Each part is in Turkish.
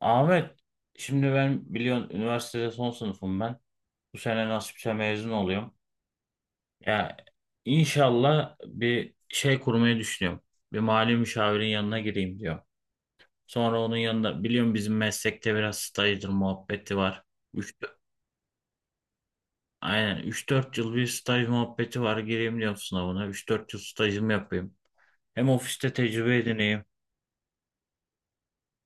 Ahmet, şimdi ben biliyorsun üniversitede son sınıfım ben. Bu sene nasipse mezun oluyorum. Ya, inşallah bir şey kurmayı düşünüyorum. Bir mali müşavirin yanına gireyim diyor. Sonra onun yanında biliyorum bizim meslekte biraz stajdır muhabbeti var. 3 Aynen, üç dört yıl bir staj muhabbeti var. Gireyim diyorum sınavına. Üç dört yıl stajımı yapayım. Hem ofiste tecrübe edineyim.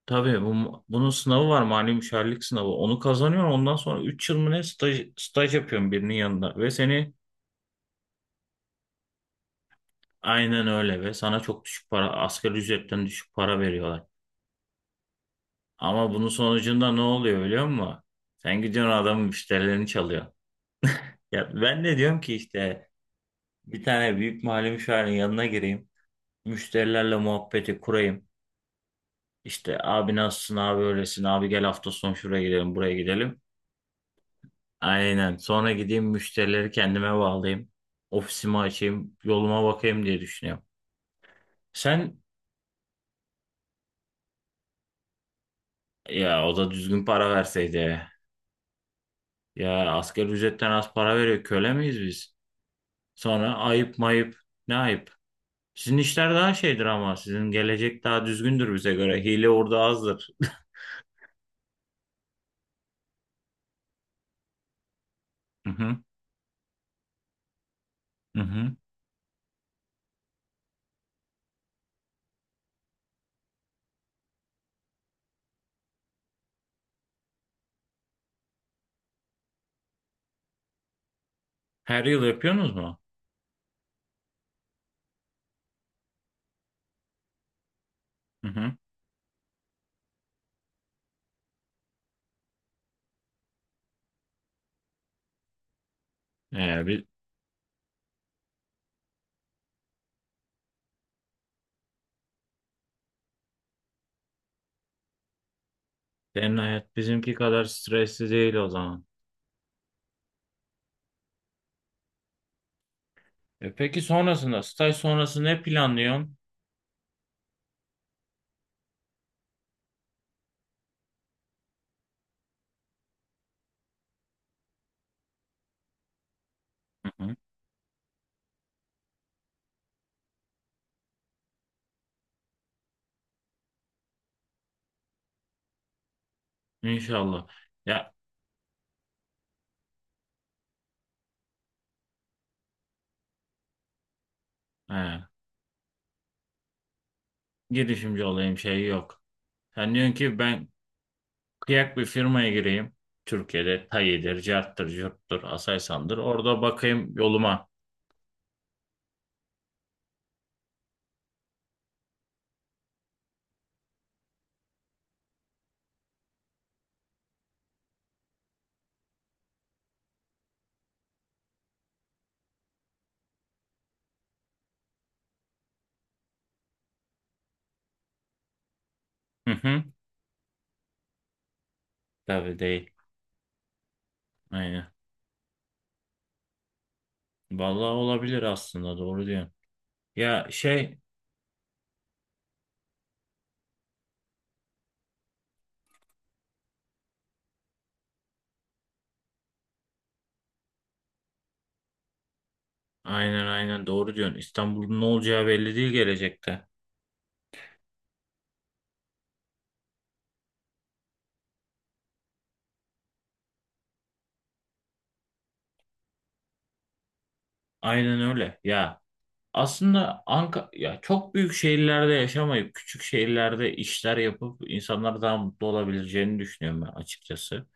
Tabii bunun sınavı var, mali müşavirlik sınavı. Onu kazanıyorsun, ondan sonra 3 yıl mı ne staj yapıyorsun birinin yanında. Ve seni Aynen öyle, ve sana çok düşük para, asgari ücretten düşük para veriyorlar. Ama bunun sonucunda ne oluyor biliyor musun? Sen gidiyorsun adamın müşterilerini çalıyor. Ya ben de diyorum ki işte bir tane büyük mali müşavirin yanına gireyim. Müşterilerle muhabbeti kurayım. İşte abi nasılsın abi öylesin abi gel hafta sonu şuraya gidelim buraya gidelim. Aynen. Sonra gideyim müşterileri kendime bağlayayım. Ofisimi açayım, yoluma bakayım diye düşünüyorum. Sen Ya, o da düzgün para verseydi. Ya, asgari ücretten az para veriyor. Köle miyiz biz? Sonra ayıp mayıp. Ne ayıp? Sizin işler daha şeydir ama sizin gelecek daha düzgündür bize göre. Hile orada azdır. Hı hı, hı hı. Her yıl yapıyorsunuz mu? Hı hı. Ee, bi- Senin hayat bizimki kadar stresli değil o zaman. E peki, sonrasında, staj sonrası ne planlıyorsun? Hı hı. İnşallah. Ya, he, girişimci olayım şeyi yok. Sen diyorsun ki ben kıyak bir firmaya gireyim. Türkiye'de Tayi'dir, Cart'tır, Curt'tur, Aselsan'dır. Orada bakayım yoluma. Hı hı. Tabii değil. Aynen. Vallahi olabilir, aslında doğru diyorsun. Ya şey aynen, aynen, doğru diyorsun. İstanbul'un ne olacağı belli değil gelecekte. Aynen öyle. Ya, aslında Ankara ya çok büyük şehirlerde yaşamayıp küçük şehirlerde işler yapıp insanlar daha mutlu olabileceğini düşünüyorum ben açıkçası.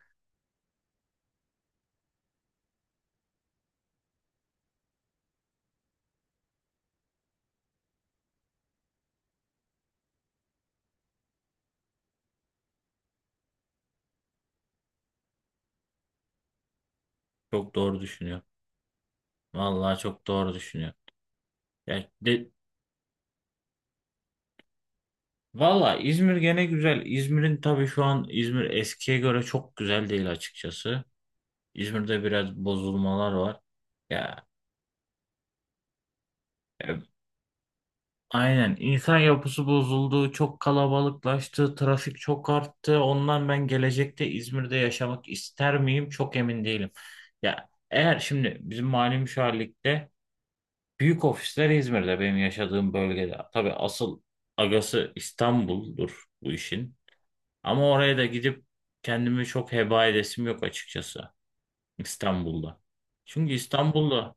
Çok doğru düşünüyor. Vallahi çok doğru düşünüyor. Ya de, Vallahi İzmir gene güzel. İzmir'in tabii şu an İzmir eskiye göre çok güzel değil açıkçası. İzmir'de biraz bozulmalar var. Ya, aynen. İnsan yapısı bozuldu, çok kalabalıklaştı, trafik çok arttı. Ondan ben gelecekte İzmir'de yaşamak ister miyim? Çok emin değilim. Ya, eğer şimdi bizim mali müşavirlikte büyük ofisler İzmir'de, benim yaşadığım bölgede. Tabii asıl agası İstanbul'dur bu işin. Ama oraya da gidip kendimi çok heba edesim yok açıkçası İstanbul'da. Çünkü İstanbul'da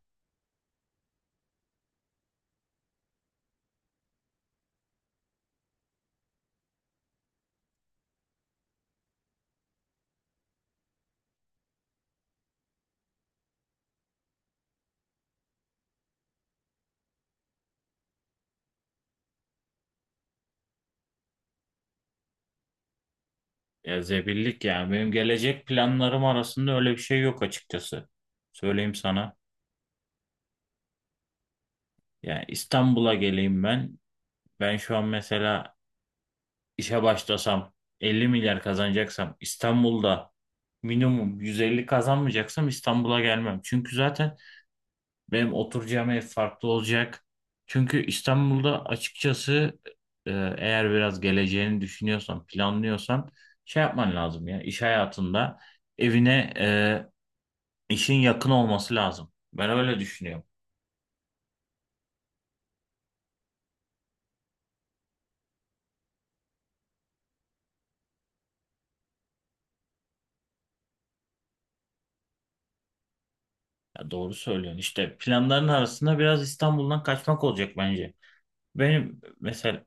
Ya, zebillik yani benim gelecek planlarım arasında öyle bir şey yok açıkçası. Söyleyeyim sana. Yani İstanbul'a geleyim ben. Ben şu an mesela işe başlasam 50 milyar kazanacaksam İstanbul'da, minimum 150 kazanmayacaksam İstanbul'a gelmem. Çünkü zaten benim oturacağım ev farklı olacak. Çünkü İstanbul'da açıkçası, e, eğer biraz geleceğini düşünüyorsan, planlıyorsan, şey yapman lazım ya iş hayatında, evine İşin yakın olması lazım. Ben öyle düşünüyorum. Ya, doğru söylüyorsun. İşte planların arasında biraz İstanbul'dan kaçmak olacak bence. Benim mesela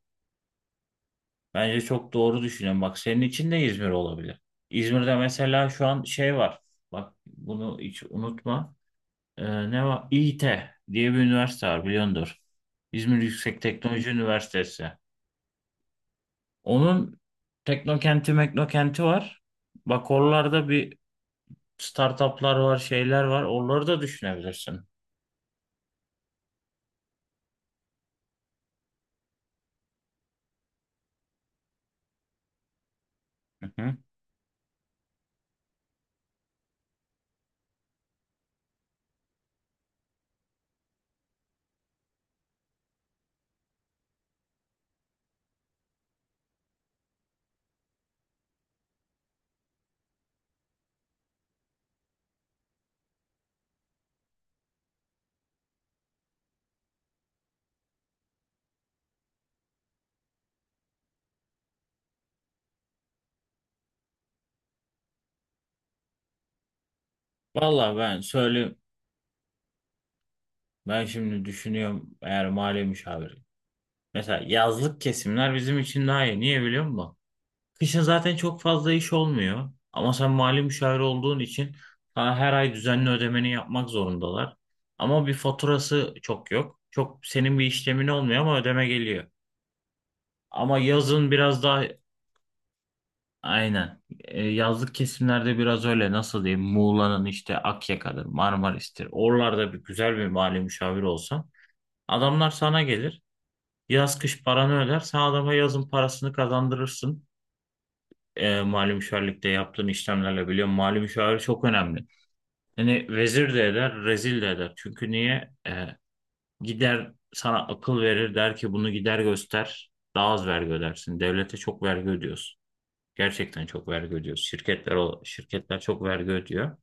Bence çok doğru düşünüyorum. Bak, senin için de İzmir olabilir. İzmir'de mesela şu an şey var. Bak, bunu hiç unutma. Ee, Ne var? İİT diye bir üniversite var, biliyordur. İzmir Yüksek Teknoloji Üniversitesi. Onun teknokenti meknokenti var. Bak, oralarda bir startuplar var, şeyler var. Oraları da düşünebilirsin. Hı hı. Valla, ben söyleyeyim. Ben şimdi düşünüyorum, eğer mali müşavir. Mesela yazlık kesimler bizim için daha iyi. Niye biliyor musun? Kışın zaten çok fazla iş olmuyor. Ama sen mali müşavir olduğun için sana her ay düzenli ödemeni yapmak zorundalar. Ama bir faturası çok yok. Çok senin bir işlemin olmuyor ama ödeme geliyor. Ama yazın biraz daha aynen. Yazlık kesimlerde biraz öyle, nasıl diyeyim? Muğla'nın işte Akyaka'dır, Marmaris'tir. Oralarda bir güzel bir mali müşavir olsa, adamlar sana gelir. Yaz kış paranı öder. Sen adama yazın parasını kazandırırsın. Mali müşavirlikte yaptığın işlemlerle biliyorum. Mali müşavir çok önemli. Yani vezir de eder, rezil de eder. Çünkü niye? Gider sana akıl verir, der ki bunu gider göster. Daha az vergi ödersin. Devlete çok vergi ödüyorsun. Gerçekten çok vergi ödüyorsun. Şirketler çok vergi ödüyor.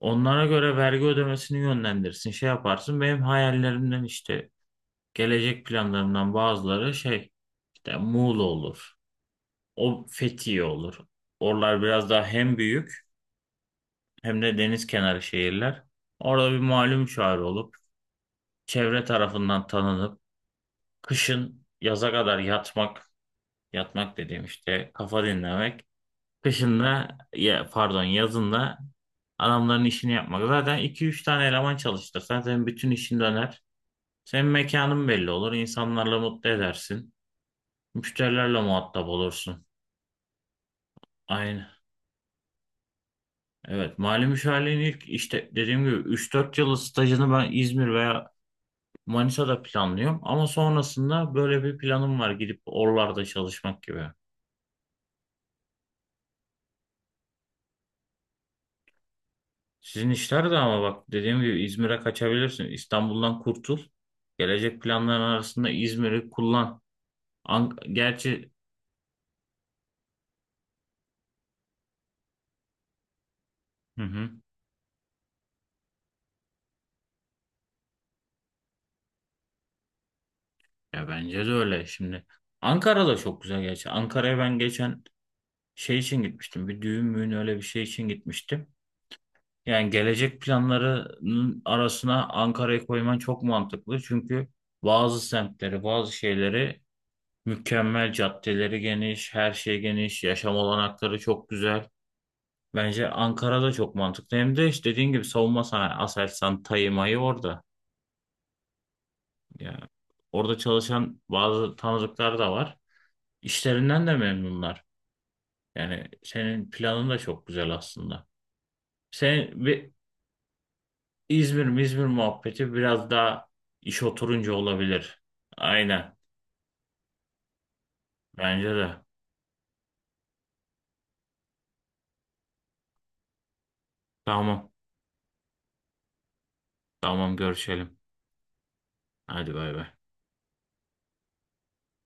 Onlara göre vergi ödemesini yönlendirsin. Şey yaparsın. Benim hayallerimden, işte gelecek planlarımdan bazıları, şey işte Muğla olur. O Fethiye olur. Oralar biraz daha hem büyük hem de deniz kenarı şehirler. Orada bir malum çağrı olup, çevre tarafından tanınıp, kışın yaza kadar yatmak, yatmak dediğim işte kafa dinlemek. Kışın da ya, pardon, yazın da adamların işini yapmak. Zaten iki üç tane eleman çalıştırsan senin bütün işin döner. Senin mekanın belli olur. insanlarla mutlu edersin. Müşterilerle muhatap olursun. Aynen. Evet. Mali müşavirliğin ilk, işte dediğim gibi, üç dört yıllık stajını ben İzmir veya Manisa'da planlıyorum. Ama sonrasında böyle bir planım var, gidip oralarda çalışmak gibi. Sizin işler de ama bak, dediğim gibi, İzmir'e kaçabilirsin. İstanbul'dan kurtul. Gelecek planların arasında İzmir'i kullan. Gerçi. Hı hı. Ya, bence de öyle şimdi. Ankara da çok güzel gerçi. Ankara'ya ben geçen şey için gitmiştim. Bir düğün müğün öyle bir şey için gitmiştim. Yani gelecek planlarının arasına Ankara'yı koyman çok mantıklı. Çünkü bazı semtleri, bazı şeyleri mükemmel, caddeleri geniş, her şey geniş, yaşam olanakları çok güzel. Bence Ankara da çok mantıklı. Hem de işte dediğin gibi savunma sanayi, Aselsan, Tayyip Mayı orada. Yani orada çalışan bazı tanıdıklar da var. İşlerinden de memnunlar. Yani senin planın da çok güzel aslında. Sen İzmir mi İzmir muhabbeti biraz daha iş oturunca olabilir. Aynen. Bence de. Tamam. Tamam, görüşelim. Hadi bay bay.